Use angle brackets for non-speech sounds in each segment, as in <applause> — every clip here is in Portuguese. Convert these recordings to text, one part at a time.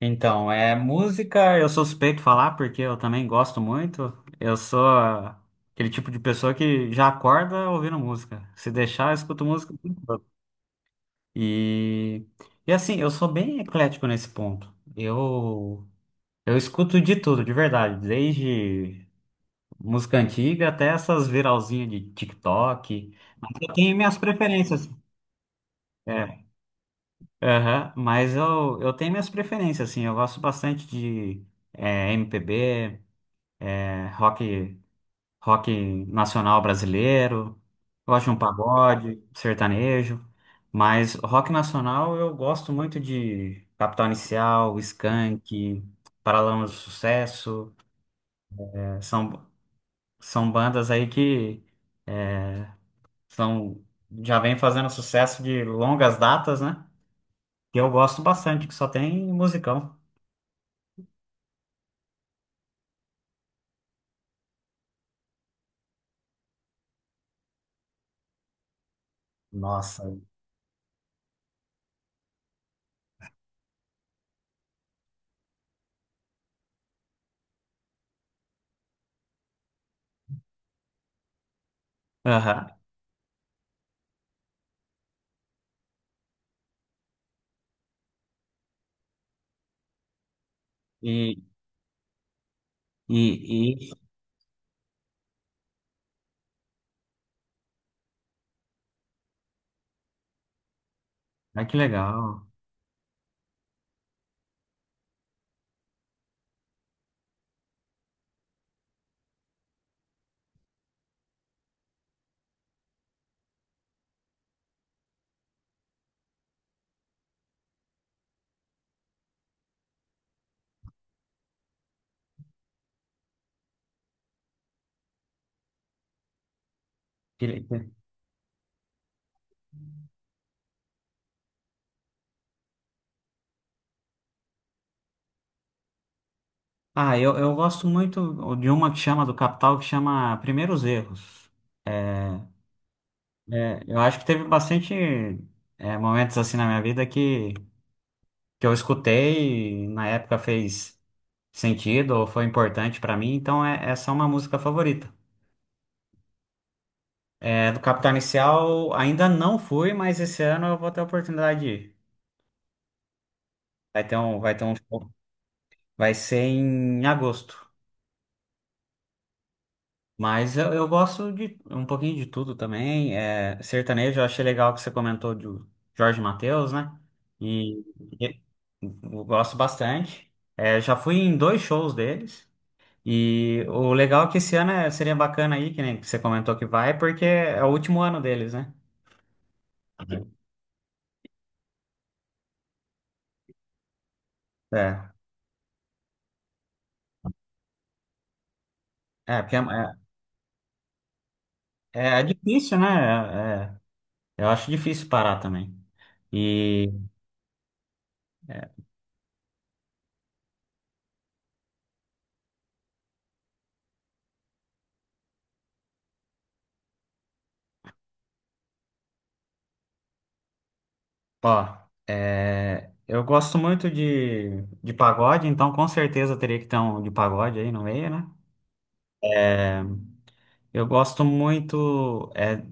Então, é música, eu sou suspeito de falar porque eu também gosto muito. Eu sou aquele tipo de pessoa que já acorda ouvindo música. Se deixar, eu escuto música o tempo todo. E, e assim, eu sou bem eclético nesse ponto. Eu escuto de tudo, de verdade, desde música antiga até essas viralzinhas de TikTok. Mas eu tenho minhas preferências. É, aham, mas eu tenho minhas preferências, assim, eu gosto bastante de MPB. É, rock rock nacional brasileiro, gosto de um pagode, sertanejo, mas rock nacional eu gosto muito de Capital Inicial, Skank, Paralamas do Sucesso, são, bandas aí que é, são, já vem fazendo sucesso de longas datas, né? Que eu gosto bastante, que só tem musicão. Nossa. Aham. E, e, e... Ah, que legal. Que le- Ah, eu gosto muito de uma que chama do Capital, que chama Primeiros Erros. É, eu acho que teve bastante momentos assim na minha vida que eu escutei e na época fez sentido ou foi importante pra mim, então essa é uma música favorita. É, do Capital Inicial ainda não fui, mas esse ano eu vou ter a oportunidade de ir. Vai ter um show. Vai ser em agosto. Mas eu gosto de um pouquinho de tudo também. É, sertanejo, eu achei legal que você comentou do Jorge Mateus, né? E, e- eu gosto bastante. É, já fui em dois shows deles. E o legal é que esse ano seria bacana aí, que nem você comentou que vai, porque é o último ano deles, né? É, porque é difícil, né? Eu acho difícil parar também. E ó, eu gosto muito de pagode, então com certeza teria que ter um de pagode aí no meio, né? Eu gosto muito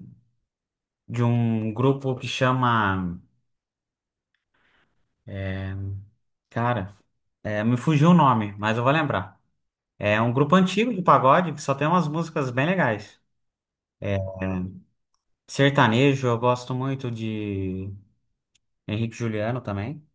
de um grupo que chama. Cara, me fugiu o nome, mas eu vou lembrar. É um grupo antigo de pagode que só tem umas músicas bem legais. Sertanejo, eu gosto muito de Henrique Juliano também.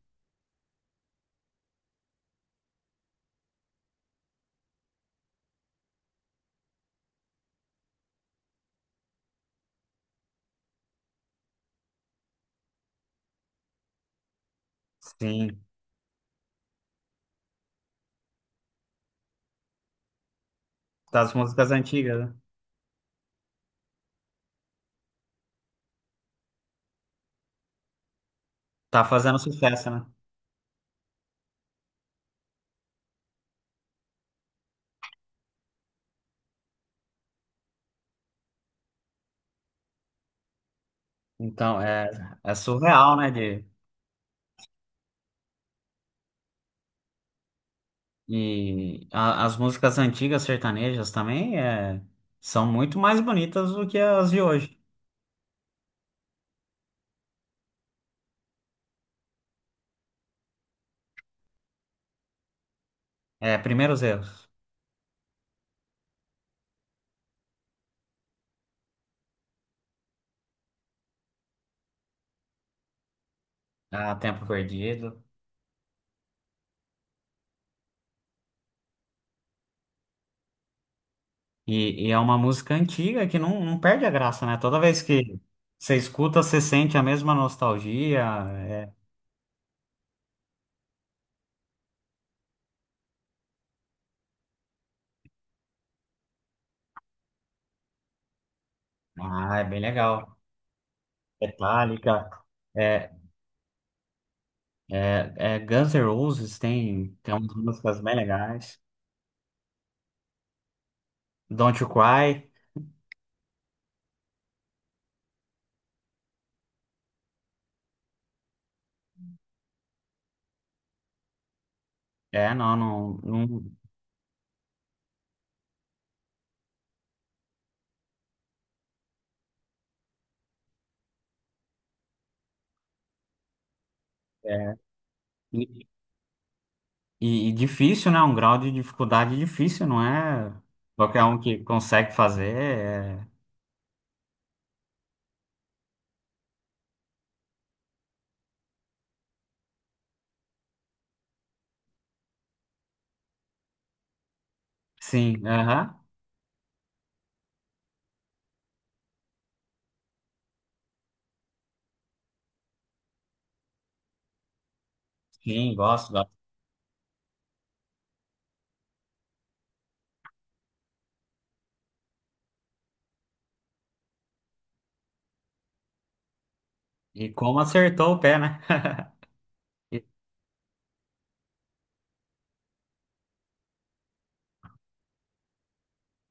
Sim, das músicas antigas, né? Tá fazendo sucesso, né? Então, é surreal, né? E as músicas antigas sertanejas também são muito mais bonitas do que as de hoje. É, Primeiros Erros, Há Tempo Perdido. E é uma música antiga que não, não perde a graça, né? Toda vez que você escuta, você sente a mesma nostalgia. é- ah, é bem legal. Metallica. É, é Guns N' Roses tem umas músicas bem legais. Don't You Cry. É, não, não, não- e difícil, né? Um grau de dificuldade difícil, não é qualquer um que consegue fazer. é- Sim, aham. Sim, gosto, gosto. E como acertou o pé, né? E-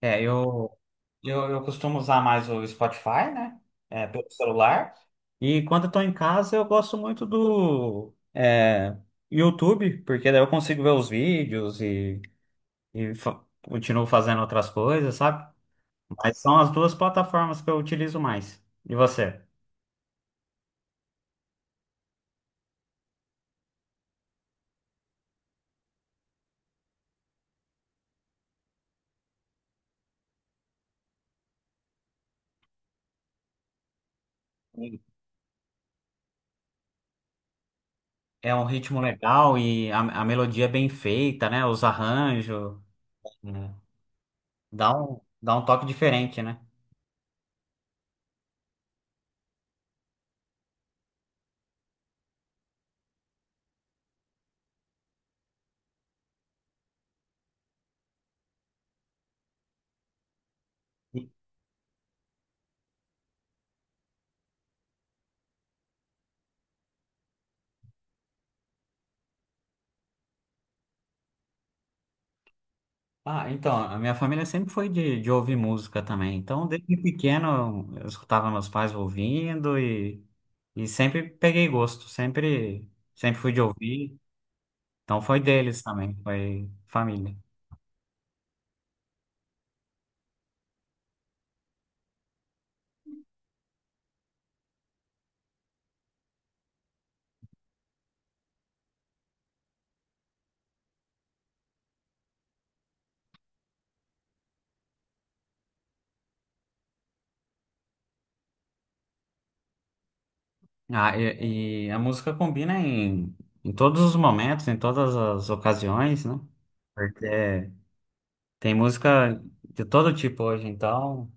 É, eu costumo usar mais o Spotify, né? É, pelo celular. E quando eu tô em casa, eu gosto muito do YouTube, porque daí eu consigo ver os vídeos e, continuo fazendo outras coisas, sabe? Mas são as duas plataformas que eu utilizo mais. E você? É um ritmo legal e a melodia é bem feita, né? Os arranjos, né? Dá um toque diferente, né? E- Ah, então, a minha família sempre foi de ouvir música também. Então, desde pequeno, eu escutava meus pais ouvindo e sempre peguei gosto, sempre, sempre fui de ouvir. Então, foi deles também, foi família. Ah, e a música combina em, em todos os momentos, em todas as ocasiões, né? Porque tem música de todo tipo hoje, então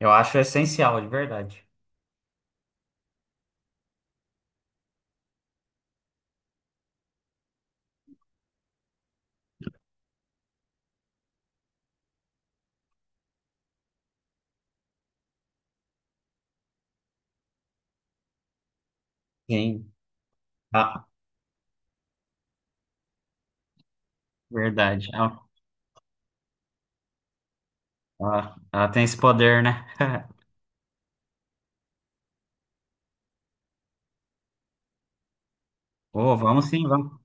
eu acho essencial, de verdade. Sim, ah, verdade. Ah, ah, ela tem esse poder, né? <laughs> Oh, vamos sim, vamos.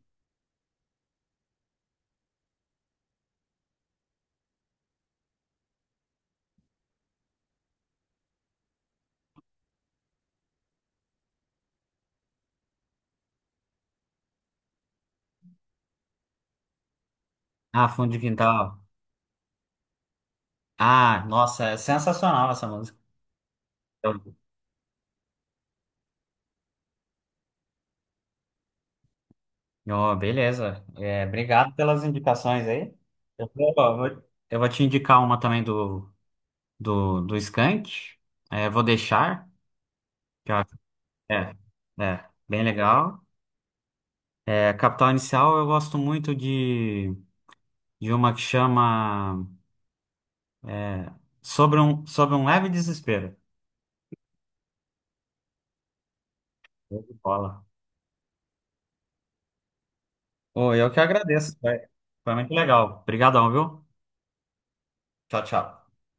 Ah, fundo de quintal. Ah, nossa, é sensacional essa música. Eu- Oh, beleza. É, obrigado pelas indicações aí. Eu vou, vou- eu vou te indicar uma também do Skank. É, vou deixar. que eu acho- É, é, bem legal. É, Capital Inicial eu gosto muito de. De uma que chama é, Sobre um Leve Desespero. Show de Bola. Oh, eu que agradeço. Foi, foi muito legal. Obrigadão, viu? Tchau, tchau.